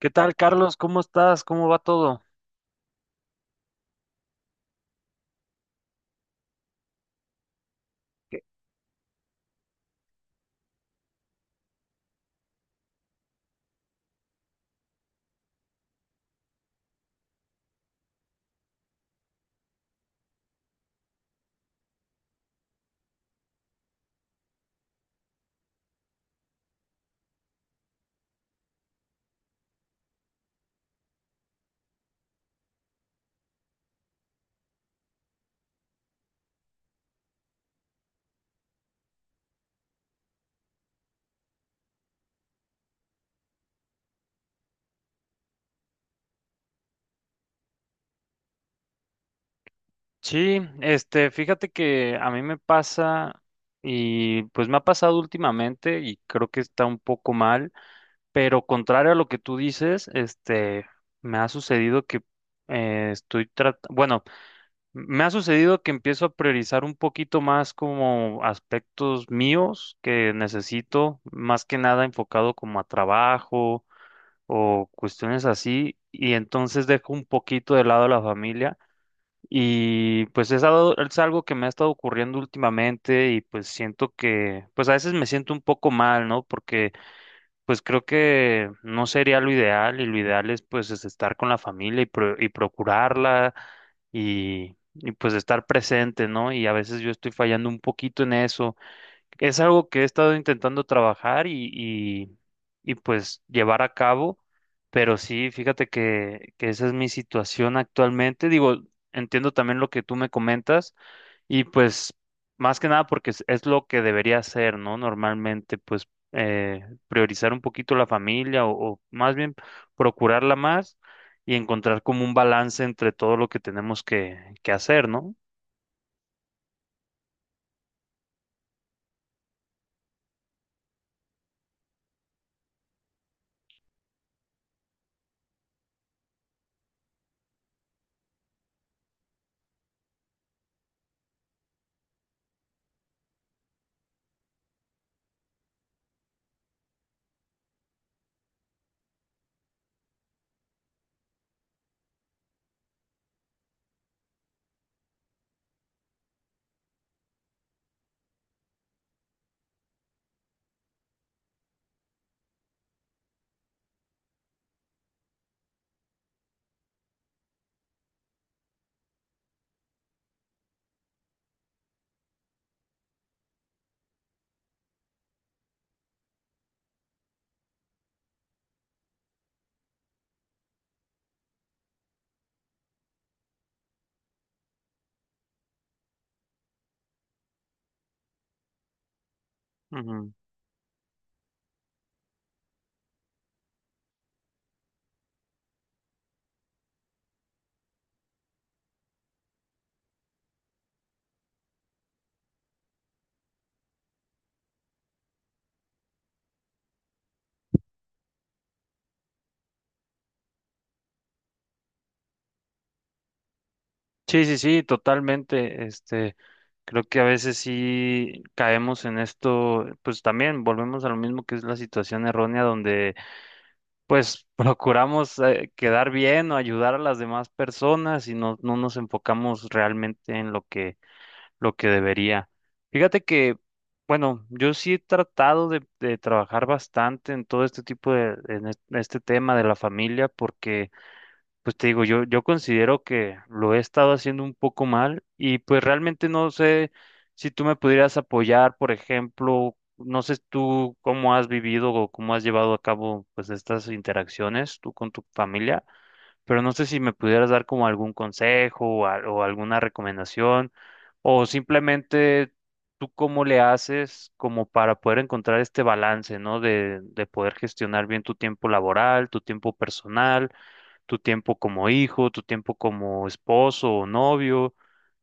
¿Qué tal, Carlos? ¿Cómo estás? ¿Cómo va todo? Sí, fíjate que a mí me pasa y pues me ha pasado últimamente y creo que está un poco mal, pero contrario a lo que tú dices, me ha sucedido que estoy tratando, bueno, me ha sucedido que empiezo a priorizar un poquito más como aspectos míos que necesito, más que nada enfocado como a trabajo o cuestiones así, y entonces dejo un poquito de lado a la familia. Y pues es algo que me ha estado ocurriendo últimamente y pues siento que, pues a veces me siento un poco mal, ¿no? Porque pues creo que no sería lo ideal y lo ideal es pues es estar con la familia y, y procurarla y pues estar presente, ¿no? Y a veces yo estoy fallando un poquito en eso, es algo que he estado intentando trabajar y pues llevar a cabo, pero sí, fíjate que esa es mi situación actualmente. Digo, entiendo también lo que tú me comentas y pues más que nada porque es lo que debería hacer, ¿no? Normalmente, pues eh, priorizar un poquito la familia o más bien procurarla más y encontrar como un balance entre todo lo que tenemos que hacer, ¿no? Sí, sí, sí, totalmente. Creo que a veces sí caemos en esto, pues también volvemos a lo mismo que es la situación errónea donde pues procuramos quedar bien o ayudar a las demás personas y no, no nos enfocamos realmente en lo que debería. Fíjate que, bueno, yo sí he tratado de trabajar bastante en todo este tipo de, en este tema de la familia porque pues te digo, yo considero que lo he estado haciendo un poco mal y pues realmente no sé si tú me pudieras apoyar, por ejemplo, no sé tú cómo has vivido o cómo has llevado a cabo pues estas interacciones tú con tu familia, pero no sé si me pudieras dar como algún consejo o, o alguna recomendación o simplemente tú cómo le haces como para poder encontrar este balance, ¿no? De poder gestionar bien tu tiempo laboral, tu tiempo personal, tu tiempo como hijo, tu tiempo como esposo o novio,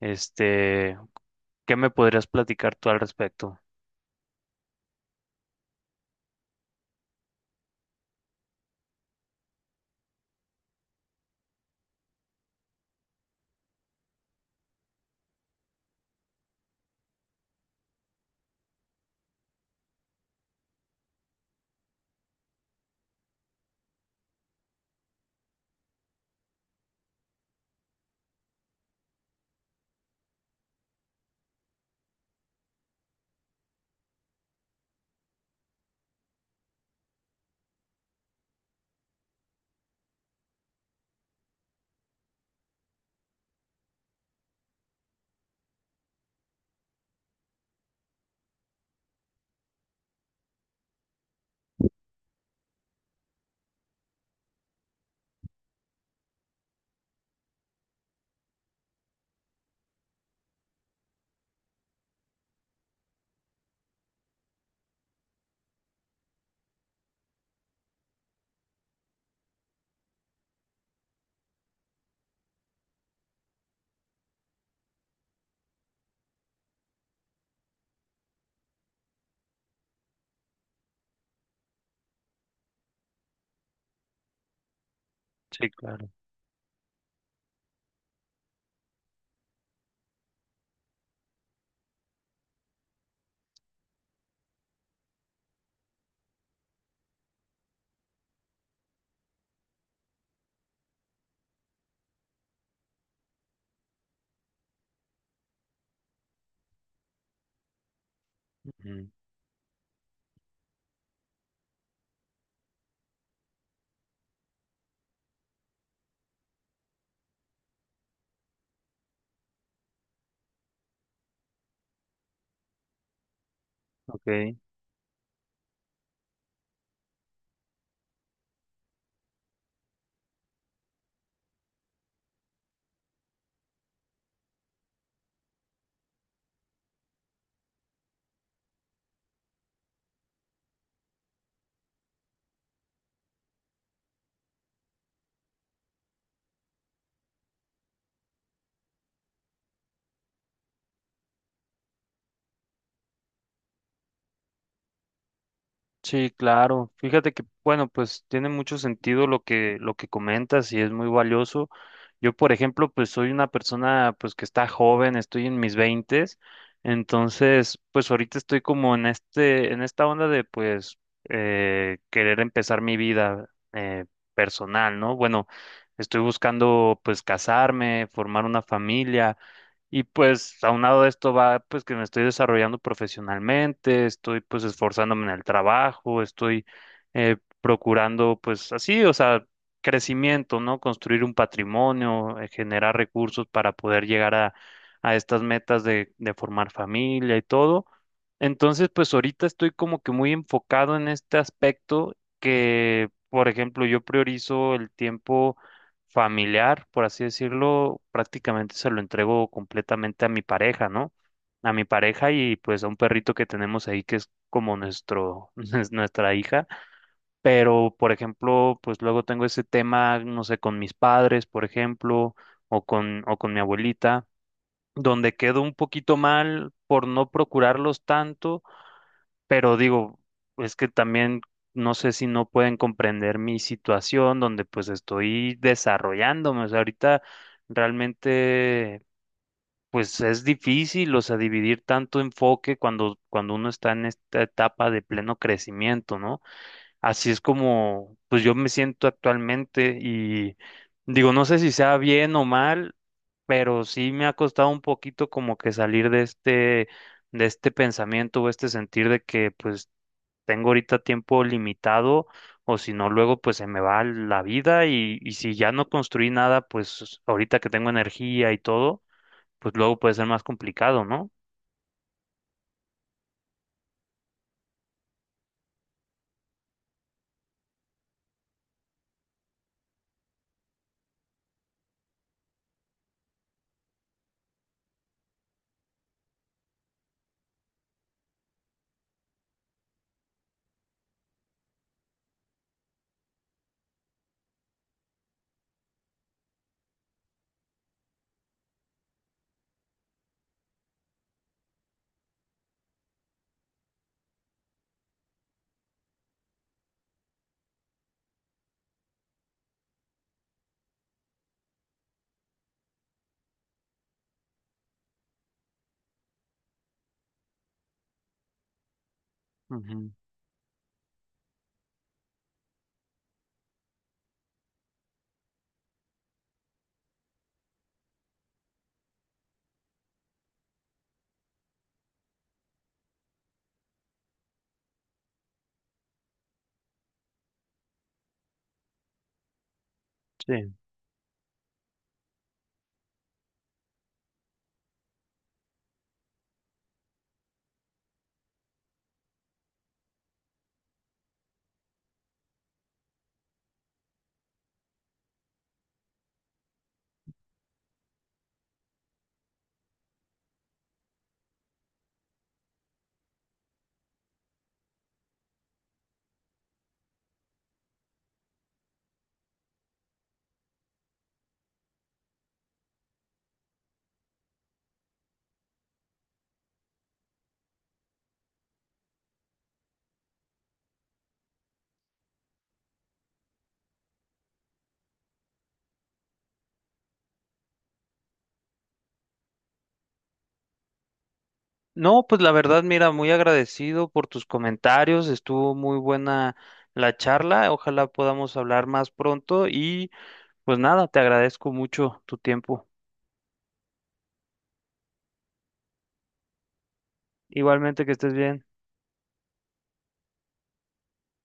este, ¿qué me podrías platicar tú al respecto? Sí, claro. Ujú. Ok. Sí, claro. Fíjate que, bueno, pues tiene mucho sentido lo que comentas y es muy valioso. Yo, por ejemplo, pues soy una persona pues que está joven, estoy en mis veintes, entonces, pues ahorita estoy como en este, en esta onda de pues querer empezar mi vida personal, ¿no? Bueno, estoy buscando pues casarme, formar una familia. Y pues aunado de esto va pues que me estoy desarrollando profesionalmente, estoy pues esforzándome en el trabajo, estoy procurando pues así, o sea, crecimiento, ¿no? Construir un patrimonio, generar recursos para poder llegar a estas metas de formar familia y todo. Entonces pues ahorita estoy como que muy enfocado en este aspecto que, por ejemplo, yo priorizo el tiempo familiar, por así decirlo, prácticamente se lo entrego completamente a mi pareja, ¿no? A mi pareja y pues a un perrito que tenemos ahí que es como nuestro, es nuestra hija. Pero, por ejemplo, pues luego tengo ese tema, no sé, con mis padres, por ejemplo, o con mi abuelita, donde quedo un poquito mal por no procurarlos tanto, pero digo, es que también no sé si no pueden comprender mi situación donde pues estoy desarrollándome. O sea, ahorita realmente pues es difícil, o sea, dividir tanto enfoque cuando, cuando uno está en esta etapa de pleno crecimiento, ¿no? Así es como pues yo me siento actualmente y digo, no sé si sea bien o mal, pero sí me ha costado un poquito como que salir de este, de este pensamiento o este sentir de que pues tengo ahorita tiempo limitado o si no, luego pues se me va la vida y si ya no construí nada, pues ahorita que tengo energía y todo, pues luego puede ser más complicado, ¿no? Ujú, sí. No, pues la verdad, mira, muy agradecido por tus comentarios, estuvo muy buena la charla, ojalá podamos hablar más pronto y pues nada, te agradezco mucho tu tiempo. Igualmente, que estés bien.